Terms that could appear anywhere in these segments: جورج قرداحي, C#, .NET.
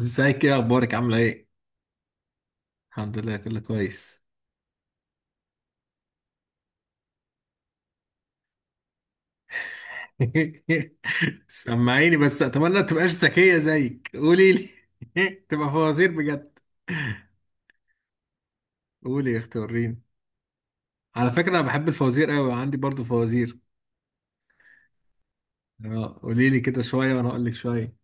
ازيك؟ ايه اخبارك؟ عامله ايه؟ الحمد لله كله كويس. سمعيني بس، اتمنى تبقاش ذكيه زيك، قولي لي. تبقى فوازير بجد. قولي يا اختي، وريني. على فكره انا بحب الفوازير قوي، عندي برضو فوازير. اه قولي لي كده شويه وانا اقول لك شويه.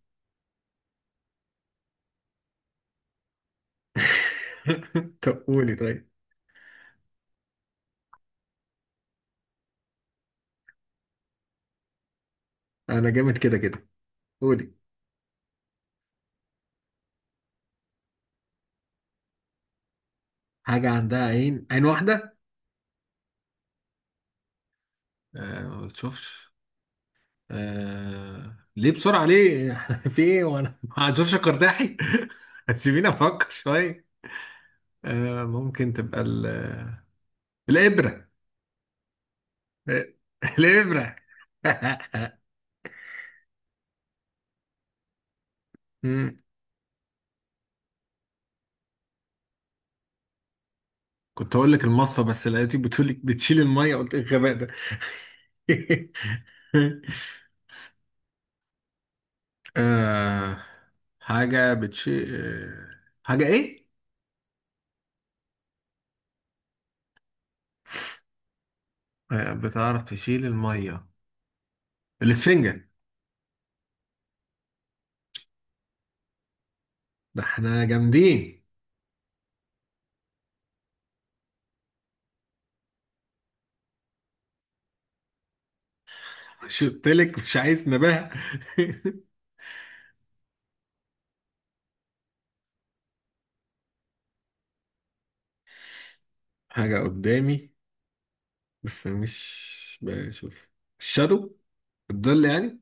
طب قولي طيب. انا جامد كده كده. قولي. حاجه عندها عين، عين واحده؟ آه ما بتشوفش. ليه بسرعة؟ ليه؟ في ايه وانا مع جورج قرداحي؟ سيبيني افكر شوية. آه ممكن تبقى الإبرة. آه، الإبرة. مم. كنت هقول لك المصفى بس لقيتك بتقولك بتشيل المية، قلت ايه الغباء ده. آه... حاجة بتشيل، آه، حاجة ايه؟ آه، بتعرف تشيل المية. الإسفنجة. ده احنا جامدين. شرطلك مش عايز نبه. حاجة قدامي بس مش بشوف؟ الشادو، الظل يعني.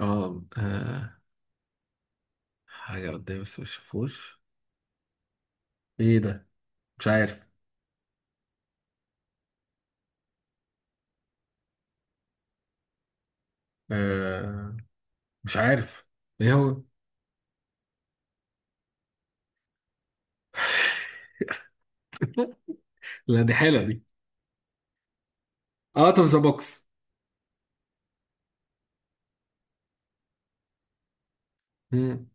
اه آه، حاجة قدامي بس مش شافوش. ايه ده؟ مش عارف. آه مش عارف. ايه هو؟ لا دي حلوة دي. اه طب ذا بوكس. مم.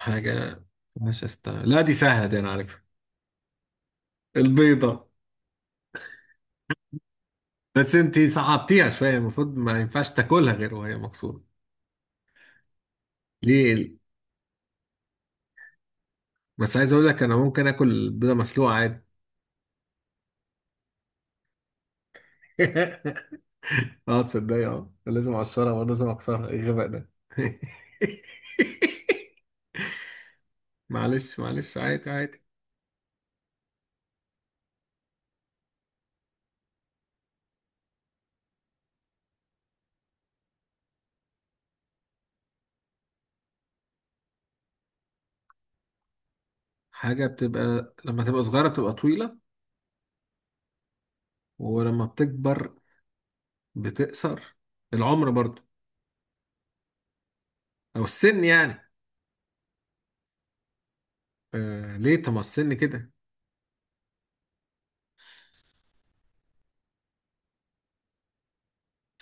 حاجة مش استاهل. لا دي سهلة دي، انا عارفها. البيضة. بس انتي صعبتيها شوية، المفروض ما ينفعش تاكلها غير وهي مكسورة. ليه؟ بس عايز اقول لك انا ممكن اكل بيضه مسلوقه عادي. اه تصدق اه لازم اقشرها ولازم اكسرها، ايه الغباء ده. معلش معلش عادي عادي. حاجه بتبقى لما تبقى صغيره بتبقى طويله ولما بتكبر بتقصر؟ العمر برضو. او السن يعني. آه ليه؟ طب ما السن كده.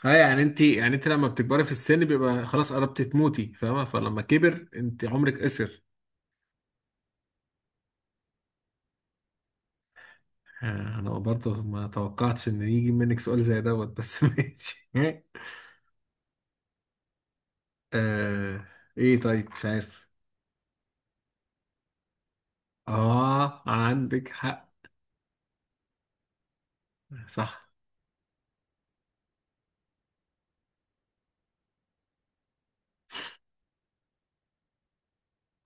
اه يعني انت يعني انت لما بتكبري في السن بيبقى خلاص قربتي تموتي، فاهمه؟ فلما كبر انت، عمرك قصر. آه، انا برضه ما توقعتش ان يجي منك سؤال زي دوت، بس ماشي. آه ايه؟ طيب مش عارف. اه عندك حق. صح.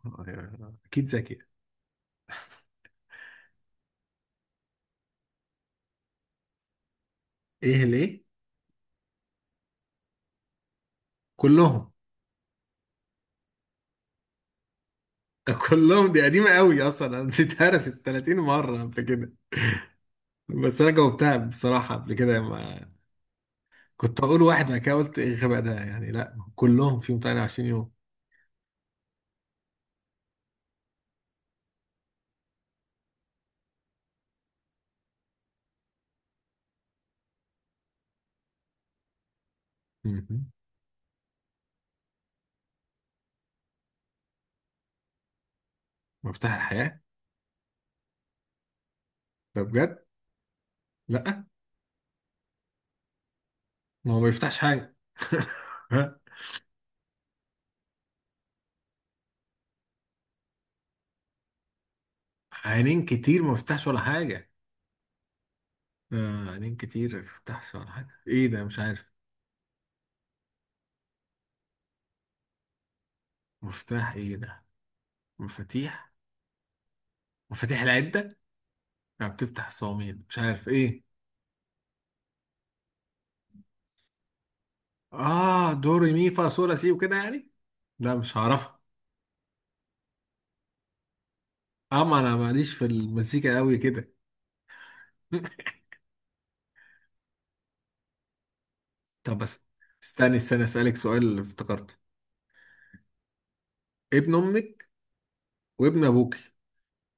آه، اكيد ذكية. ايه ليه؟ كلهم. كلهم، دي قديمة قوي اصلا، انا دي اتهرست 30 مرة قبل كده. بس انا جاوبتها بصراحة قبل كده، ما كنت اقول واحد بعد كده قلت ايه الغباء ده، يعني لا كلهم فيهم 28 يوم. مهم. مفتاح الحياة. ده بجد؟ لا. ما هو ما يفتحش حاجة. عينين كتير ما فتحش ولا حاجة. آه عينين كتير ما فتحش ولا حاجة، ايه ده؟ مش عارف. مفتاح ايه ده؟ مفاتيح. مفاتيح العدة، ما بتفتح الصواميل، مش عارف ايه. اه دوري مي فا صول لا سي وكده يعني. لا مش هعرفها. اما انا ماليش في المزيكا قوي كده. طب بس، استني استني اسألك سؤال اللي افتكرته. ابن امك وابن ابوكي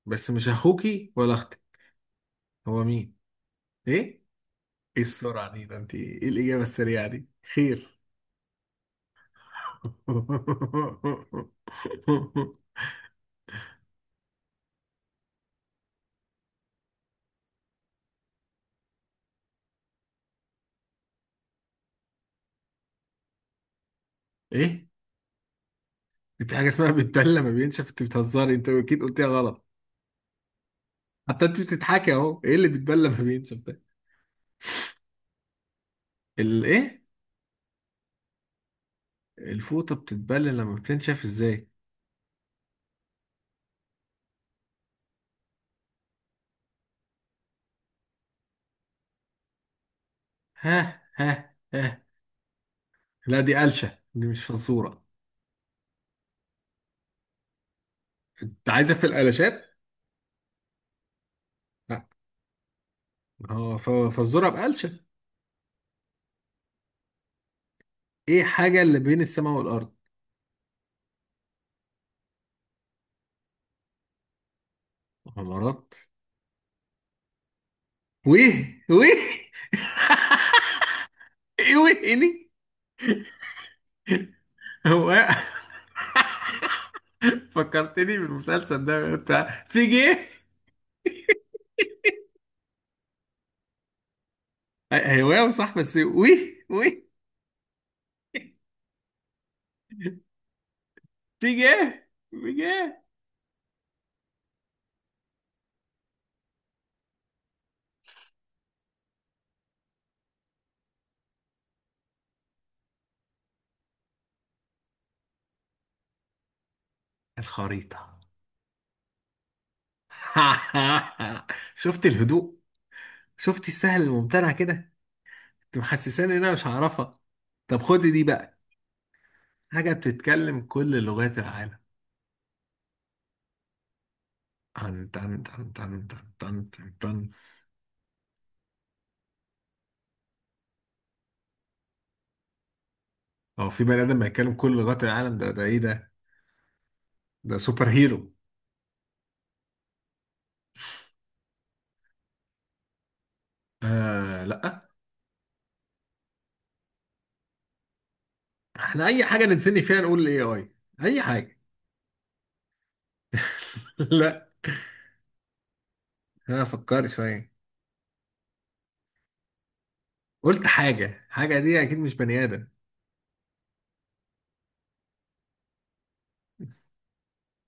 بس مش اخوكي ولا اختك. هو مين؟ ايه؟ ايه السرعة دي؟ ده انت ايه الاجابة السريعة دي؟ خير. ايه؟ في حاجه اسمها بتبلى ما بينشف؟ انت بتهزري، انت اكيد قلتيها غلط. حتى انت بتضحكي اهو، ايه اللي بيتبلى ما بينشف ده؟ الايه؟ الفوطه بتتبلى لما بتنشف ازاي؟ ها ها ها. لا دي قلشه دي، مش فزوره. انت عايزه في القلاشات؟ لا. هو فزوره بقلشه. ايه حاجه اللي بين السماء والارض؟ غمرات. ويه ويه. ايه ويه إيه دي؟ هو إيه؟ فكرتني بالمسلسل ده بتاع في جه. هواوي صح، بس وي وي. في جه في جه. الخريطة. شفت الهدوء؟ شفت السهل الممتنع كده؟ انت محسساني ان انا مش هعرفها. طب خد دي بقى. حاجة بتتكلم كل لغات العالم. تن تن تن تن تن تن تن تن. هو في بني ادم بيتكلم كل لغات العالم؟ ده ده ايه ده؟ ده سوبر هيرو. آه لا. احنا اي حاجة نتسني فيها نقول الاي اي. اي حاجة. لا. انا فكرت شويه. قلت حاجه دي اكيد مش بني ادم.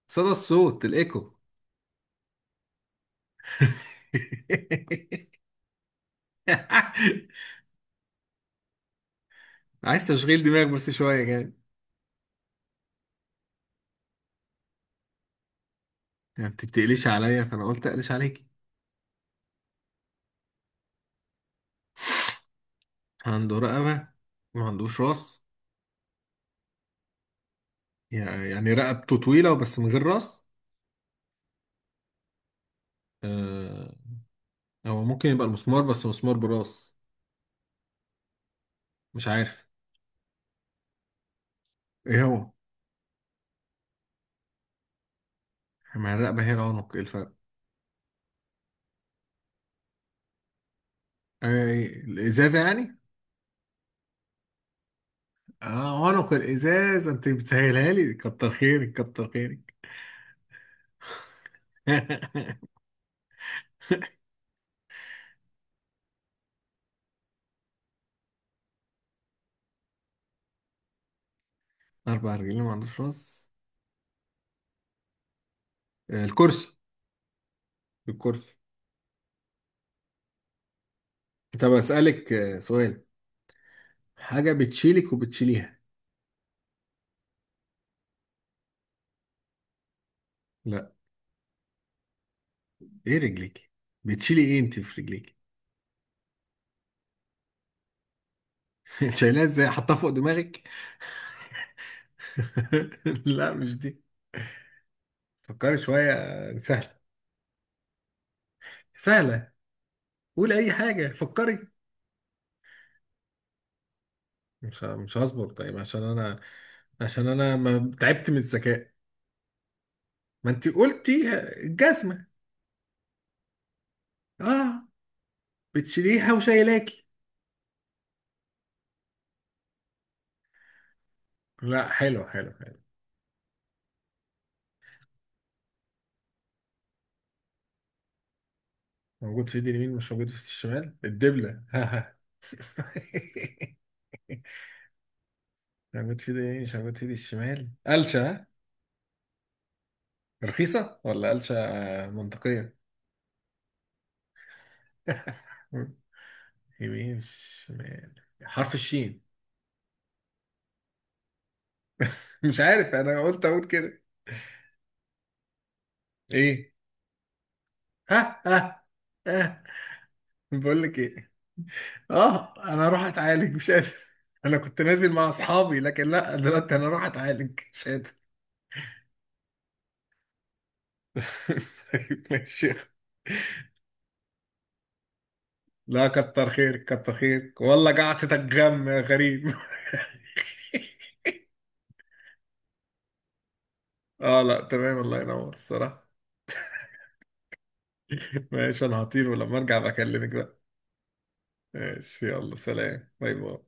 صدى الصوت، الايكو. عايز تشغيل دماغ بس شويه كده. يعني انت بتقليش عليا، فانا قلت اقلش عليك. عنده رقبه ما عندوش راس؟ يعني رقبته طويله بس من غير راس. آه، هو ممكن يبقى المسمار، بس مسمار براس. مش عارف. ايه هو؟ ما الرقبه هي العنق، ايه الفرق؟ آه، إيه، الازازه يعني. اه عنق الازازه، انت بتسهلها لي، كتر خيرك كتر خيرك. أربع رجلين ما عندوش راس؟ آه، الكرسي. الكرسي. طب أسألك آه، سؤال. حاجة بتشيلك وبتشيليها. لا. إيه رجليك؟ بتشيلي إيه أنت في رجليك؟ شايلها إزاي؟ حطها فوق دماغك. لا مش دي. فكري شوية، آه، سهلة، سهلة. قول أي حاجة، فكري. مش هصبر، طيب عشان أنا، عشان أنا ما تعبت من الذكاء. ما أنت قلتي. الجزمة. آه بتشيليها وشايلاكي. لا حلو حلو حلو. موجود في ايد اليمين مش موجود في الشمال، الدبلة. ها ها. موجود في ايد اليمين مش موجود في ايد الشمال، قلشة ها؟ رخيصة ولا قلشة آه، منطقية. يمين شمال، حرف الشين. مش عارف، انا قلت اقول كده. ايه؟ ها ها ها. بقول لك ايه؟ اه انا اروح اتعالج، مش قادر. انا كنت نازل مع اصحابي، لكن لا، دلوقتي انا اروح اتعالج مش قادر. طيب ماشي. لا كتر خيرك كتر خيرك والله، قعدتك غم يا غريب. اه لا تمام، الله ينور، الصراحة. ماشي، انا هطير ولما ارجع بكلمك بقى. ماشي، يلا سلام، باي باي.